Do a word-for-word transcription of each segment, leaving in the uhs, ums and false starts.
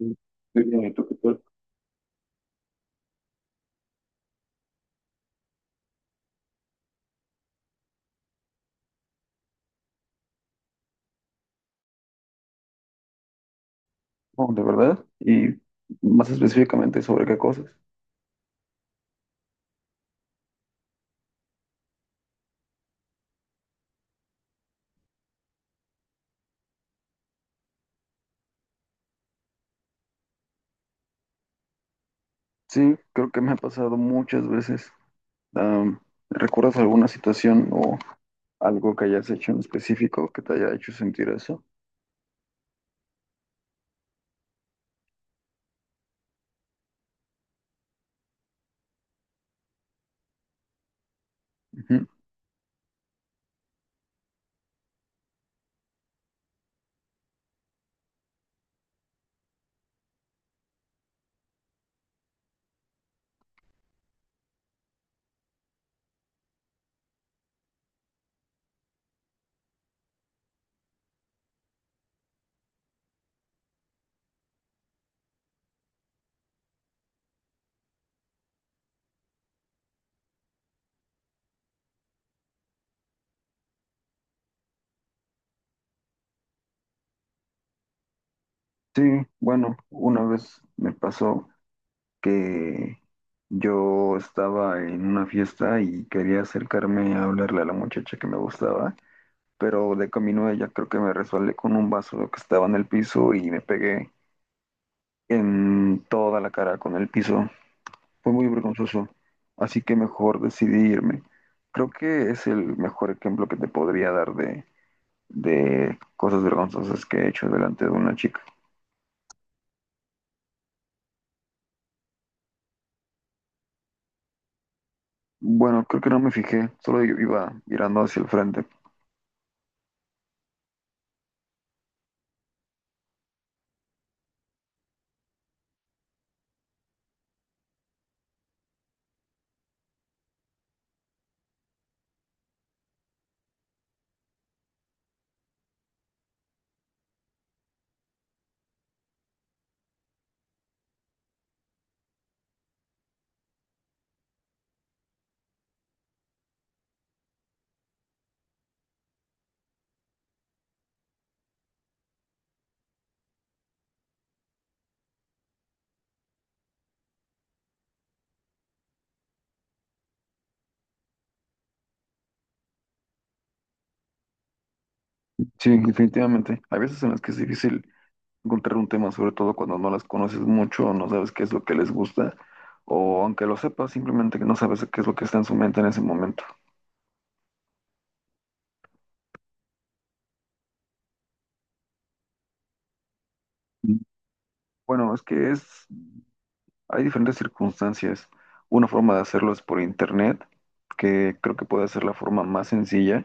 Muy bien, ¿tú qué? Oh, ¿de verdad? Y más específicamente, ¿sobre qué cosas? Sí, creo que me ha pasado muchas veces. Am, ¿Recuerdas alguna situación o algo que hayas hecho en específico que te haya hecho sentir eso? Ujú. Sí, bueno, una vez me pasó que yo estaba en una fiesta y quería acercarme a hablarle a la muchacha que me gustaba, pero de camino a ella creo que me resbalé con un vaso que estaba en el piso y me pegué en toda la cara con el piso. Fue muy vergonzoso, así que mejor decidí irme. Creo que es el mejor ejemplo que te podría dar de, de cosas vergonzosas que he hecho delante de una chica. Bueno, creo que no me fijé, solo i- iba mirando hacia el frente. Sí, definitivamente. Hay veces en las que es difícil encontrar un tema, sobre todo cuando no las conoces mucho o no sabes qué es lo que les gusta, o aunque lo sepas, simplemente que no sabes qué es lo que está en su mente en ese momento. Mm. Bueno, es que es hay diferentes circunstancias. Una forma de hacerlo es por internet, que creo que puede ser la forma más sencilla,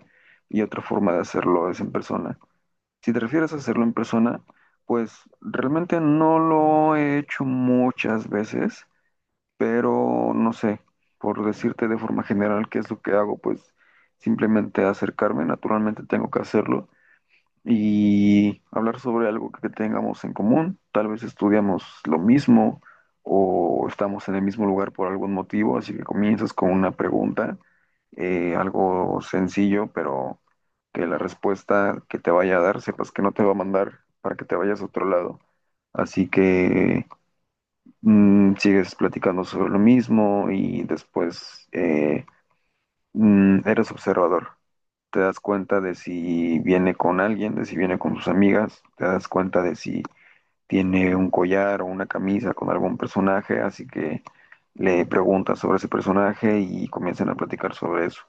y otra forma de hacerlo es en persona. Si te refieres a hacerlo en persona, pues realmente no lo he hecho muchas veces, pero no sé, por decirte de forma general qué es lo que hago, pues simplemente acercarme, naturalmente tengo que hacerlo, y hablar sobre algo que tengamos en común. Tal vez estudiamos lo mismo o estamos en el mismo lugar por algún motivo, así que comienzas con una pregunta, eh, algo sencillo, pero que la respuesta que te vaya a dar sepas que no te va a mandar para que te vayas a otro lado. Así que mm, sigues platicando sobre lo mismo y después eh, mm, eres observador, te das cuenta de si viene con alguien, de si viene con sus amigas, te das cuenta de si tiene un collar o una camisa con algún personaje, así que le preguntas sobre ese personaje y comienzan a platicar sobre eso.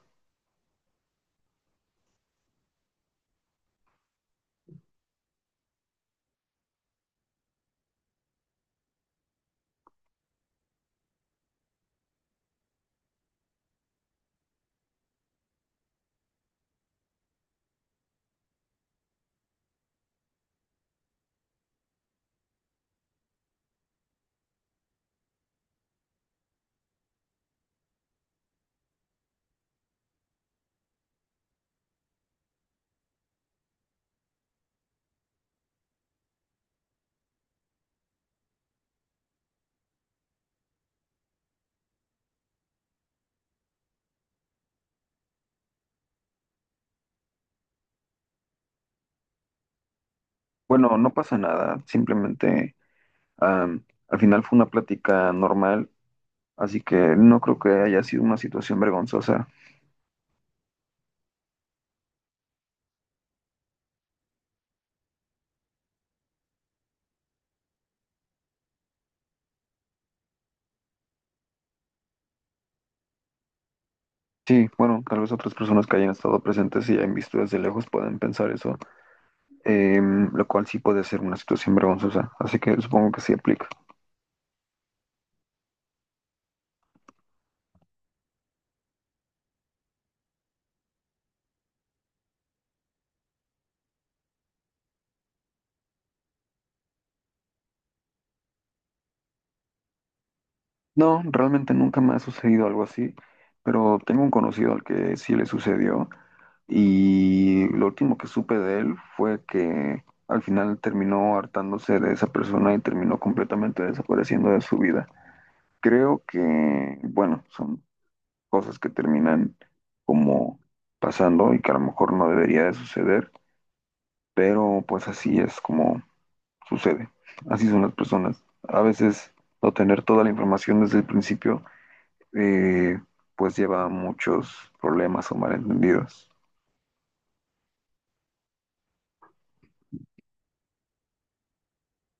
Bueno, no pasa nada, simplemente, am, al final fue una plática normal, así que no creo que haya sido una situación vergonzosa. Sí, bueno, tal vez otras personas que hayan estado presentes y hayan visto desde lejos pueden pensar eso, eh, lo cual sí puede ser una situación vergonzosa, así que supongo que sí aplica. No, realmente nunca me ha sucedido algo así, pero tengo un conocido al que sí le sucedió, y lo último que supe de él fue que al final terminó hartándose de esa persona y terminó completamente desapareciendo de su vida. Creo que, bueno, son cosas que terminan como pasando y que a lo mejor no debería de suceder, pero pues así es como sucede. Así son las personas. A veces no tener toda la información desde el principio, eh, pues lleva a muchos problemas o malentendidos.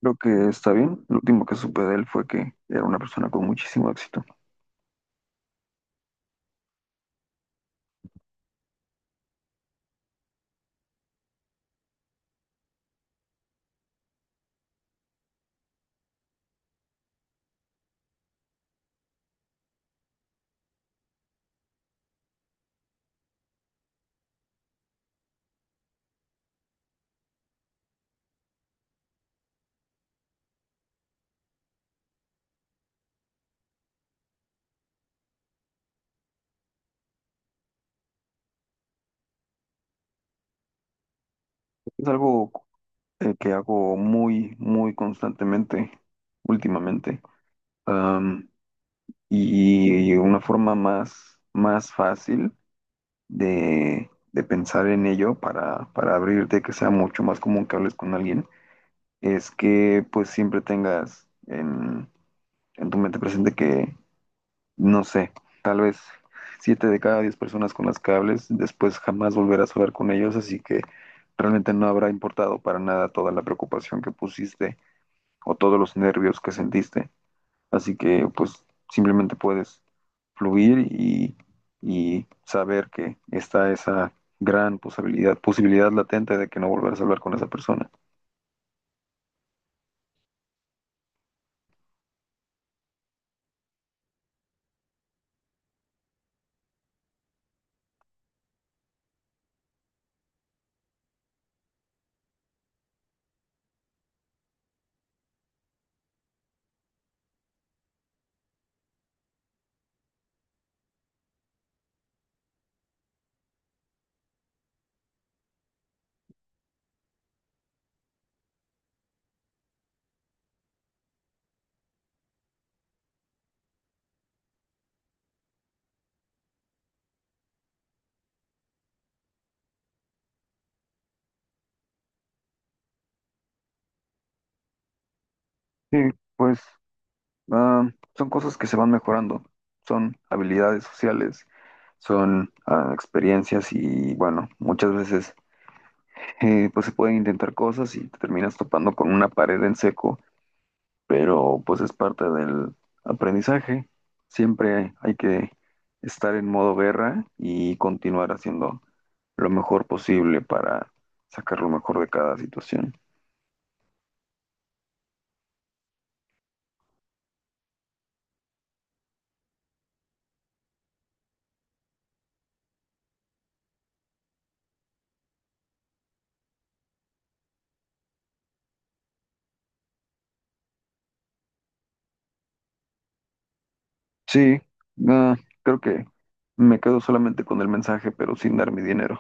Creo que está bien. Lo último que supe de él fue que era una persona con muchísimo éxito. Es algo, eh, que hago muy, muy constantemente últimamente. Um, y, y una forma más, más fácil de, de pensar en ello para, para abrirte, que sea mucho más común que hables con alguien, es que pues siempre tengas en, en tu mente presente que, no sé, tal vez siete de cada diez personas con las que hables, después jamás volverás a hablar con ellos, así que realmente no habrá importado para nada toda la preocupación que pusiste o todos los nervios que sentiste. Así que pues simplemente puedes fluir y, y saber que está esa gran posibilidad, posibilidad latente de que no volverás a hablar con esa persona. Sí, pues, Ah, son cosas que se van mejorando, son habilidades sociales, son ah, experiencias y bueno, muchas veces eh, pues se pueden intentar cosas y te terminas topando con una pared en seco, pero pues es parte del aprendizaje. Siempre hay que estar en modo guerra y continuar haciendo lo mejor posible para sacar lo mejor de cada situación. Sí, ah, creo que me quedo solamente con el mensaje, pero sin dar mi dinero.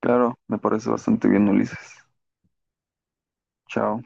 Claro, me parece bastante bien, Ulises. Chao.